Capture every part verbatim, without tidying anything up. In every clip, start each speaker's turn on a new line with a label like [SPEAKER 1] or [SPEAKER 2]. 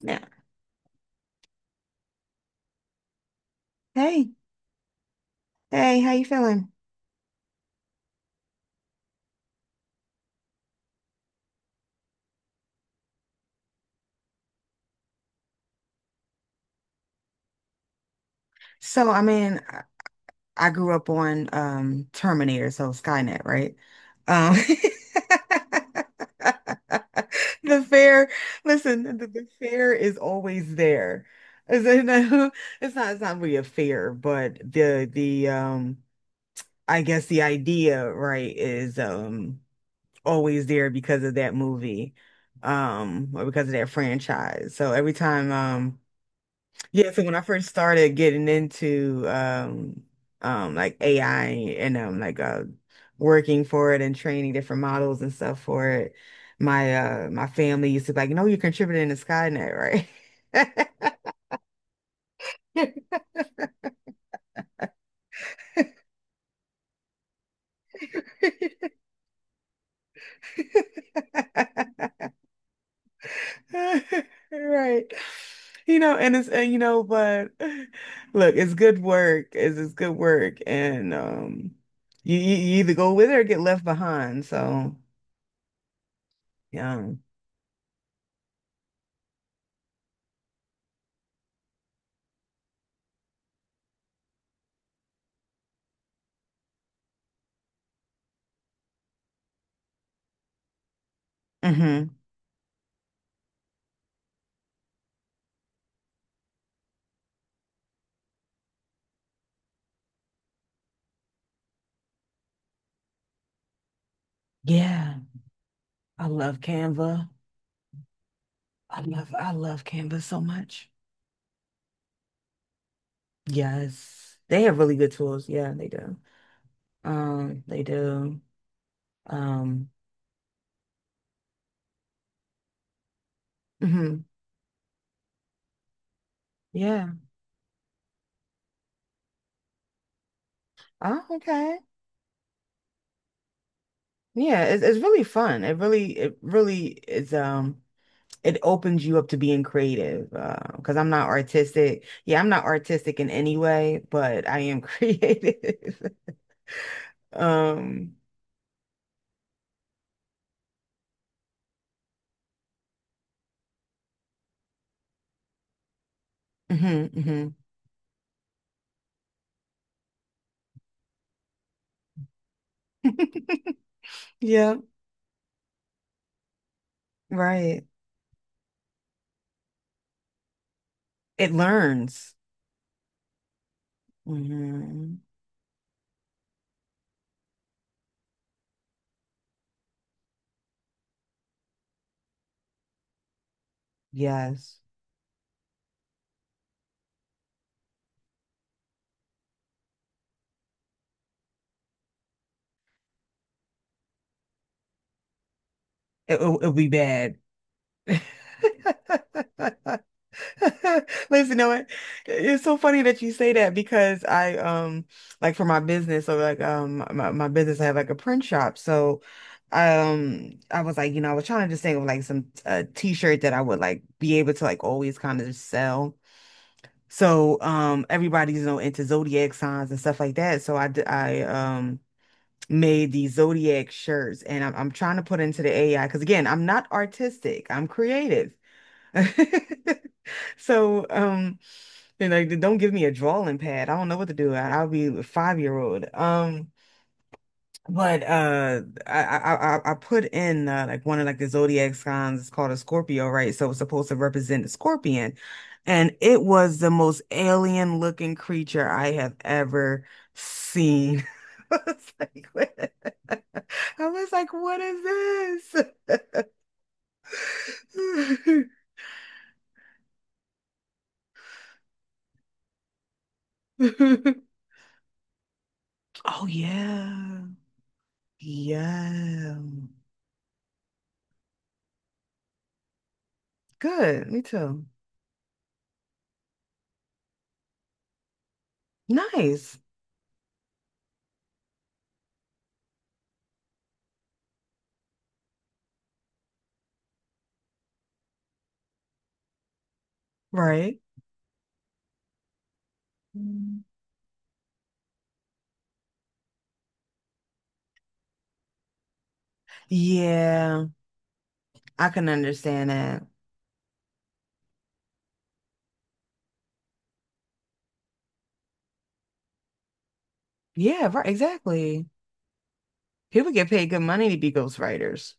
[SPEAKER 1] Yeah. Hey, hey, how you feeling? So, I mean, I I grew up on um Terminator, so Skynet, right? Um the fear, listen, the, the fear is always there. It's, you know, it's not it's not really a fear, but the the um I guess the idea, right, is um always there because of that movie, um, or because of that franchise. So every time um Yeah, so when I first started getting into um um like A I and um like uh working for it and training different models and stuff for it, my uh my family used to be like, no, you're contributing to Skynet, right? Right. You know, and it's and you know, but look, it's good work. It's it's good work. And um You, you you either go with it or get left behind. So yeah. Hmm. Yeah. I love Canva. I love I love Canva so much. Yes. They have really good tools. Yeah, they do. Um, they do. Um, mhm. Yeah. Oh, okay. Yeah, it's it's really fun. It really it really is um it opens you up to being creative. Uh, because I'm not artistic. Yeah, I'm not artistic in any way, but I am creative. Um, mhm, mhm. Yeah, right. It learns. Mm-hmm. Yes. It, will it'll be bad. Listen, you know what? It's so funny that you say that because I um like for my business, so like um my, my business I have like a print shop. So um I was like, you know, I was trying to just think of like some uh t-shirt that I would like be able to like always kind of sell. So um everybody's you know into zodiac signs and stuff like that. So I d- I um made these zodiac shirts and I'm, I'm trying to put into the A I because again I'm not artistic I'm creative so um and like, don't give me a drawing pad I don't know what to do I, I'll be a five year old um but uh, I I I I put in uh, like one of like the zodiac signs. It's called a Scorpio, right? So it's supposed to represent a scorpion, and it was the most alien looking creature I have ever seen. I was like, what? I was like, what is this? Oh yeah, yeah. Good, me too. Nice, right? Mm. Yeah, I can understand that. Yeah, right, exactly. People get paid good money to be ghostwriters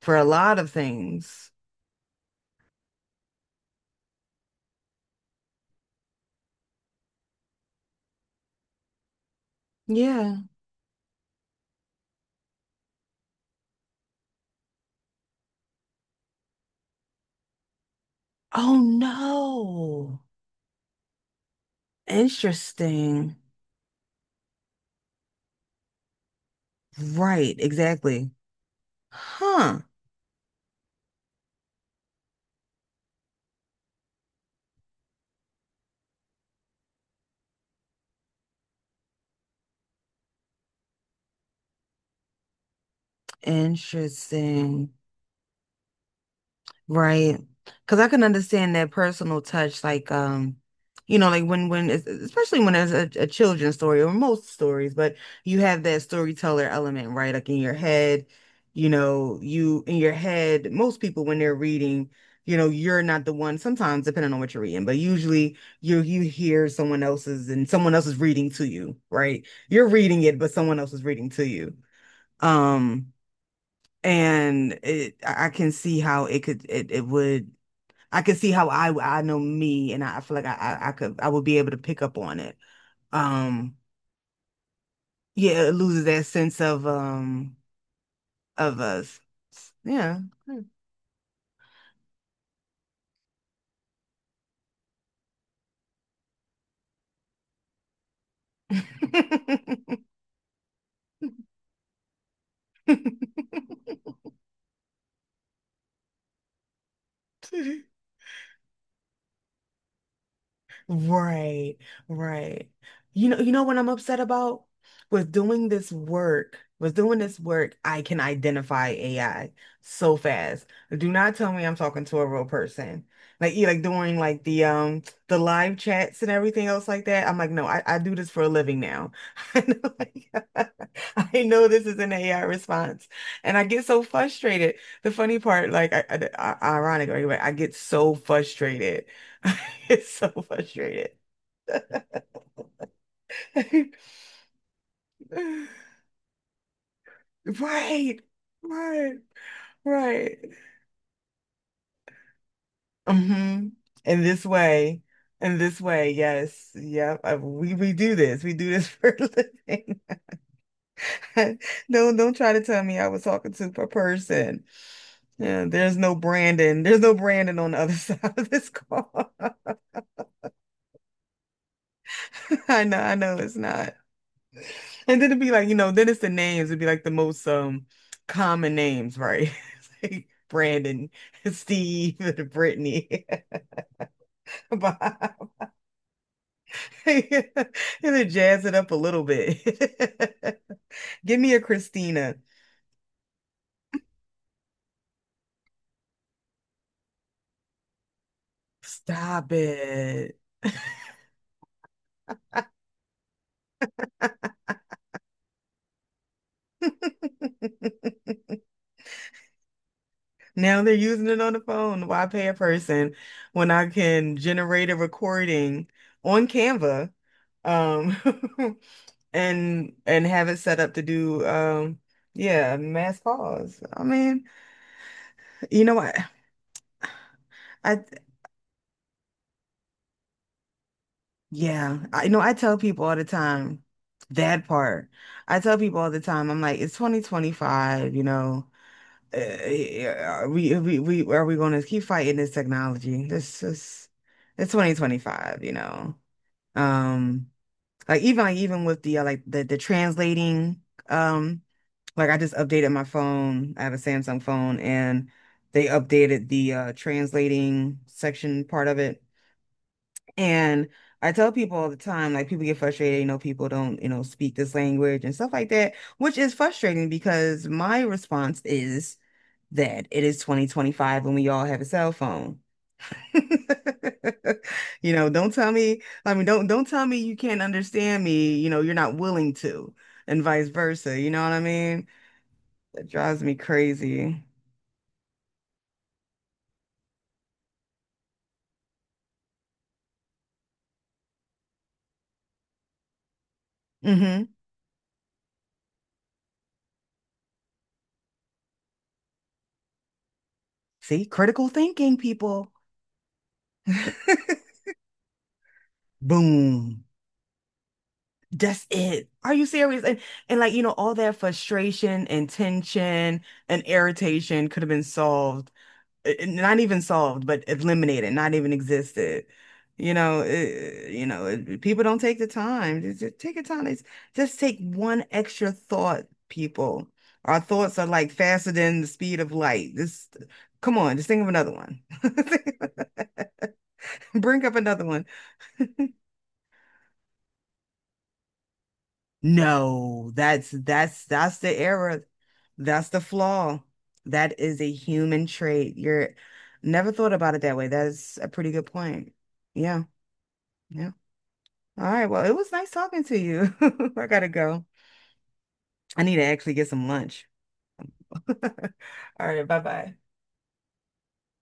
[SPEAKER 1] for a lot of things. Yeah. Oh no. Interesting. Right, exactly. Huh. Interesting. Right. Because I can understand that personal touch, like, um, you know, like when, when, es- especially when it's a, a children's story or most stories, but you have that storyteller element, right? Like in your head, you know, you, in your head, most people when they're reading, you know, you're not the one, sometimes depending on what you're reading, but usually you, you hear someone else's and someone else is reading to you, right? You're reading it, but someone else is reading to you. Um, and it, I I can see how it could, it, it would, I could see how I I know me, and I, feel like I, I I could I would be able to pick up on it. Um, yeah, it loses that sense of um of us. Yeah. Right, right. You know, you know what I'm upset about? With doing this work, with doing this work, I can identify A I so fast. Do not tell me I'm talking to a real person. Like you like doing like the um the live chats and everything else like that. I'm like, no, I, I do this for a living now. I know like, I know this is an A I response. And I get so frustrated. The funny part, like I, I, ironic, right? I get so frustrated It's so frustrated. Right, right, right. Hmm. In this way, in this way, yes, yep. I- we we do this. We do this for a living. Don't don't try to tell me I was talking to a person. Yeah, there's no Brandon. There's no Brandon on the other side of this call. I know, I know it's not. And then it'd be like, you know, then it's the names. It'd be like the most um common names, right? Like Brandon, Steve, Brittany, Bob. And then jazz it up a little bit. Give me a Christina. Stop it. Now they're using it on the phone. Why pay a person when I can generate a recording on Canva, um, and and have it set up to do um yeah mass calls I mean you know what i I yeah I you know I tell people all the time that part I tell people all the time I'm like it's twenty twenty-five you know uh, are we, are we we are we going to keep fighting this technology this is it's twenty twenty-five you know um like even like even with the uh, like the the translating um like I just updated my phone. I have a Samsung phone and they updated the uh translating section part of it. And I tell people all the time, like people get frustrated, you know, people don't, you know, speak this language and stuff like that, which is frustrating because my response is that it is twenty twenty-five and we all have a cell phone. You know, don't tell me, I mean, don't don't tell me you can't understand me, you know, you're not willing to, and vice versa, you know what I mean? That drives me crazy. Hmm. See, critical thinking, people. Boom. That's it. Are you serious? And and like, you know, all that frustration and tension and irritation could have been solved it- not even solved, but eliminated, not even existed. You know, it, you know, it- people don't take the time. Just, just take your time. It's, just take one extra thought, people. Our thoughts are like faster than the speed of light. Just come on, just think of another one. Bring up another one. No, that's that's that's the error. That's the flaw. That is a human trait. You're never thought about it that way. That's a pretty good point. Yeah. Yeah. All right. Well, it was nice talking to you. I gotta go. I need to actually get some lunch. All right. Bye bye.